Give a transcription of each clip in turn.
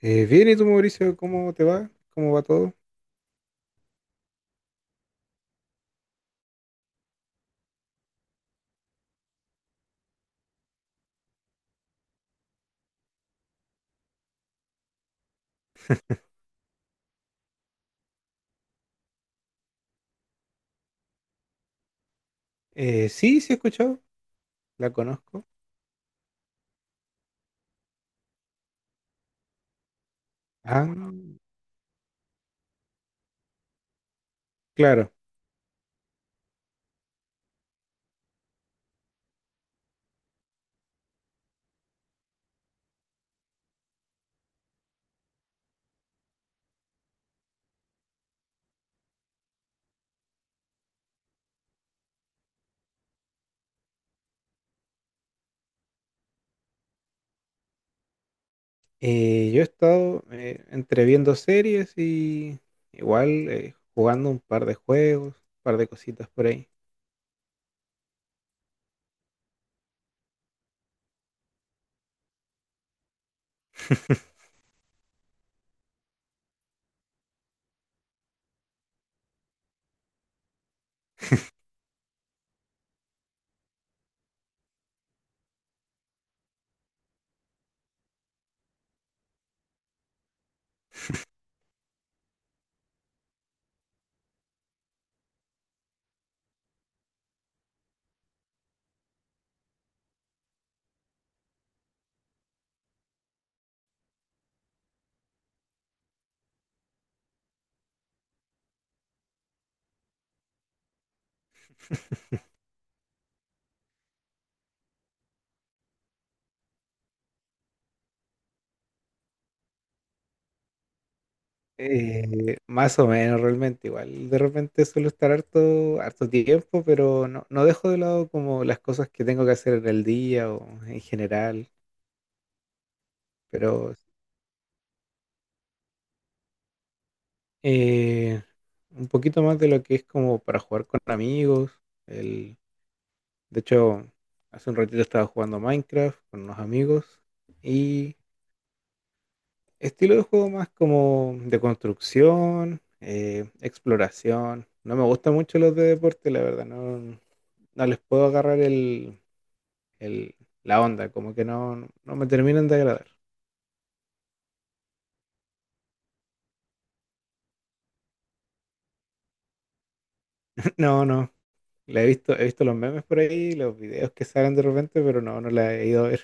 Bien, ¿y tú, Mauricio? ¿Cómo te va? ¿Cómo va todo? Sí, sí he escuchado, la conozco. Ah, claro. Yo he estado entre viendo series y igual jugando un par de juegos, un par de cositas por ahí. Más o menos realmente, igual de repente suelo estar harto, harto tiempo, pero no, no dejo de lado como las cosas que tengo que hacer en el día o en general, pero Eh, un poquito más de lo que es como para jugar con amigos. El, de hecho, hace un ratito estaba jugando Minecraft con unos amigos. Y estilo de juego más como de construcción, exploración. No me gustan mucho los de deporte, la verdad. No, no les puedo agarrar el- la onda, como que no, no me terminan de agradar. No, no. La he visto los memes por ahí, los videos que salen de repente, pero no, no la he ido a ver.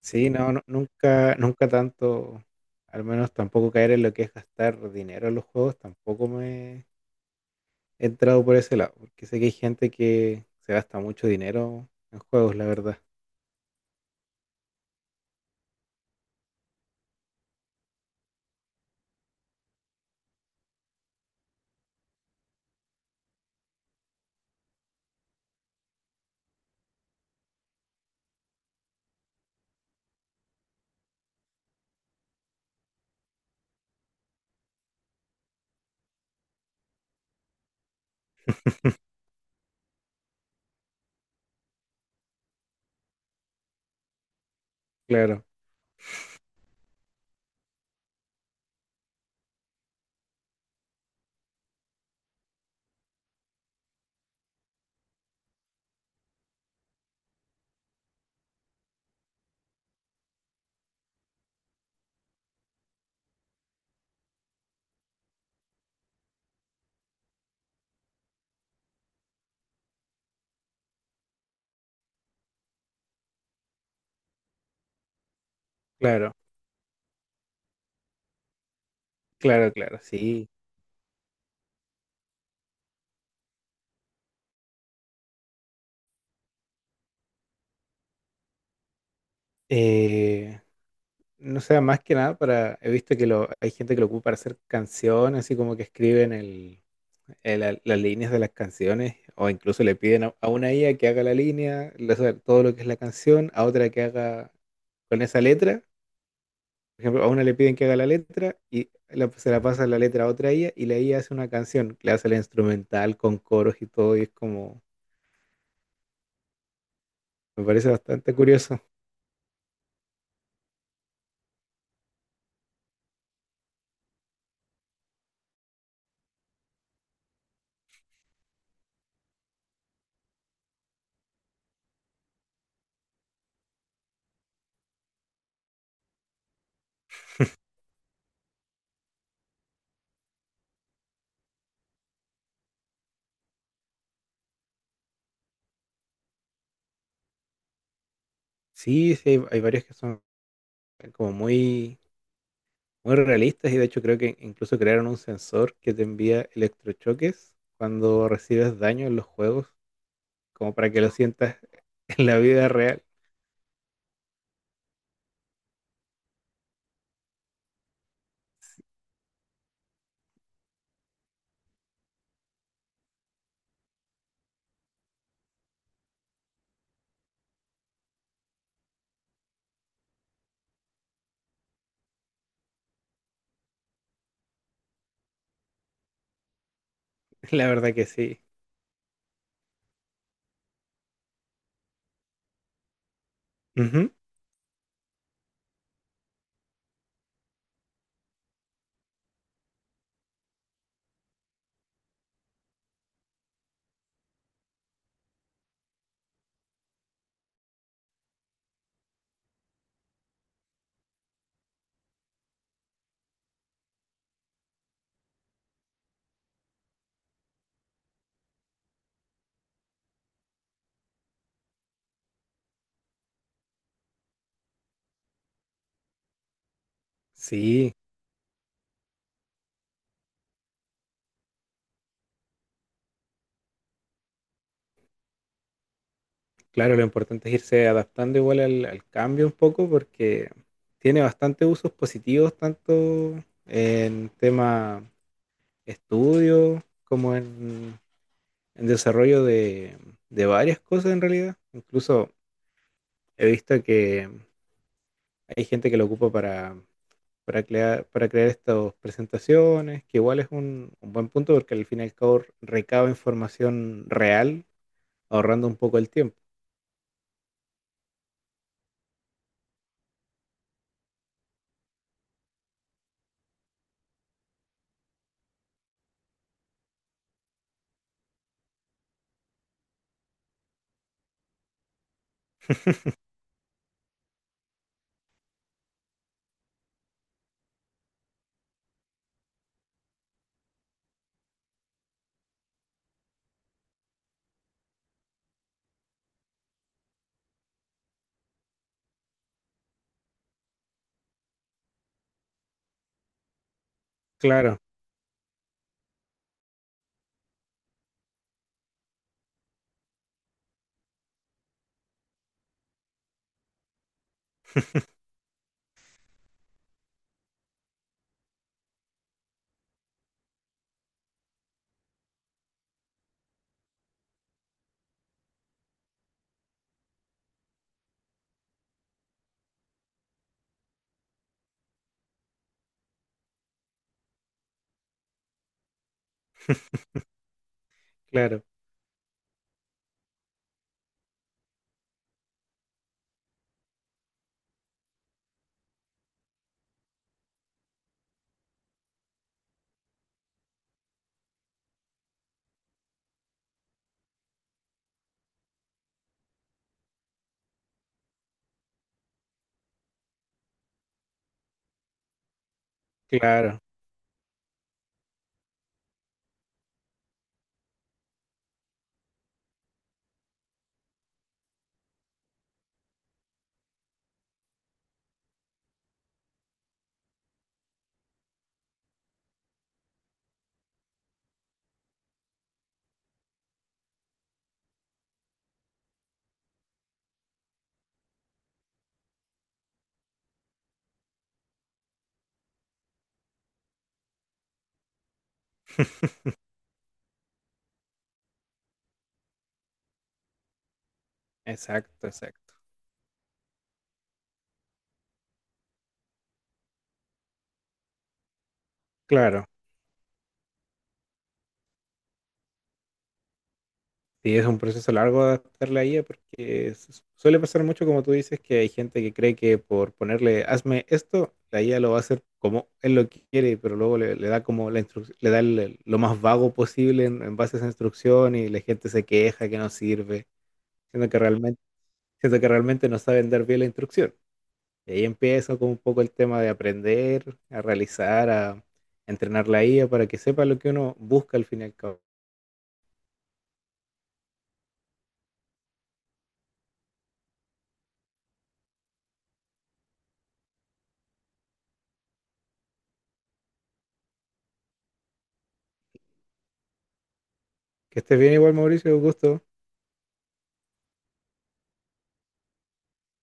Sí, no, nunca, nunca tanto, al menos tampoco caer en lo que es gastar dinero en los juegos, tampoco me he entrado por ese lado, porque sé que hay gente que se gasta mucho dinero en juegos, la verdad. Claro, claro, claro, claro, sí. Eh, no sé, más que nada he visto que hay gente que lo ocupa para hacer canciones, así como que escriben las líneas de las canciones, o incluso le piden a una IA que haga la línea, o sea, todo lo que es la canción, a otra que haga con esa letra. Por ejemplo, a una le piden que haga la letra y se la pasa la letra a otra IA y la IA hace una canción, le hace la instrumental con coros y todo y es como, me parece bastante curioso. Sí, sí, hay varios que son como muy, muy realistas y de hecho creo que incluso crearon un sensor que te envía electrochoques cuando recibes daño en los juegos, como para que lo sientas en la vida real. La verdad que sí. Ujú. Sí. Claro, lo importante es irse adaptando igual al, al cambio un poco porque tiene bastante usos positivos tanto en tema estudio como en desarrollo de varias cosas en realidad. Incluso he visto que hay gente que lo ocupa para crear estas presentaciones, que igual es un buen punto porque al fin y al cabo recaba información real ahorrando un poco el tiempo. Claro, claro, claro. Exacto, exacto. Claro, y es un proceso largo adaptarla a ella porque suele pasar mucho, como tú dices, que hay gente que cree que por ponerle hazme esto, la IA lo va a hacer como él lo quiere, pero luego le, le da como le da lo más vago posible en base a esa instrucción y la gente se queja que no sirve, siendo que realmente, siendo que realmente no saben dar bien la instrucción. Y ahí empieza como un poco el tema de aprender, a realizar, a entrenar la IA para que sepa lo que uno busca al fin y al cabo. Que estés bien igual, Mauricio, un gusto.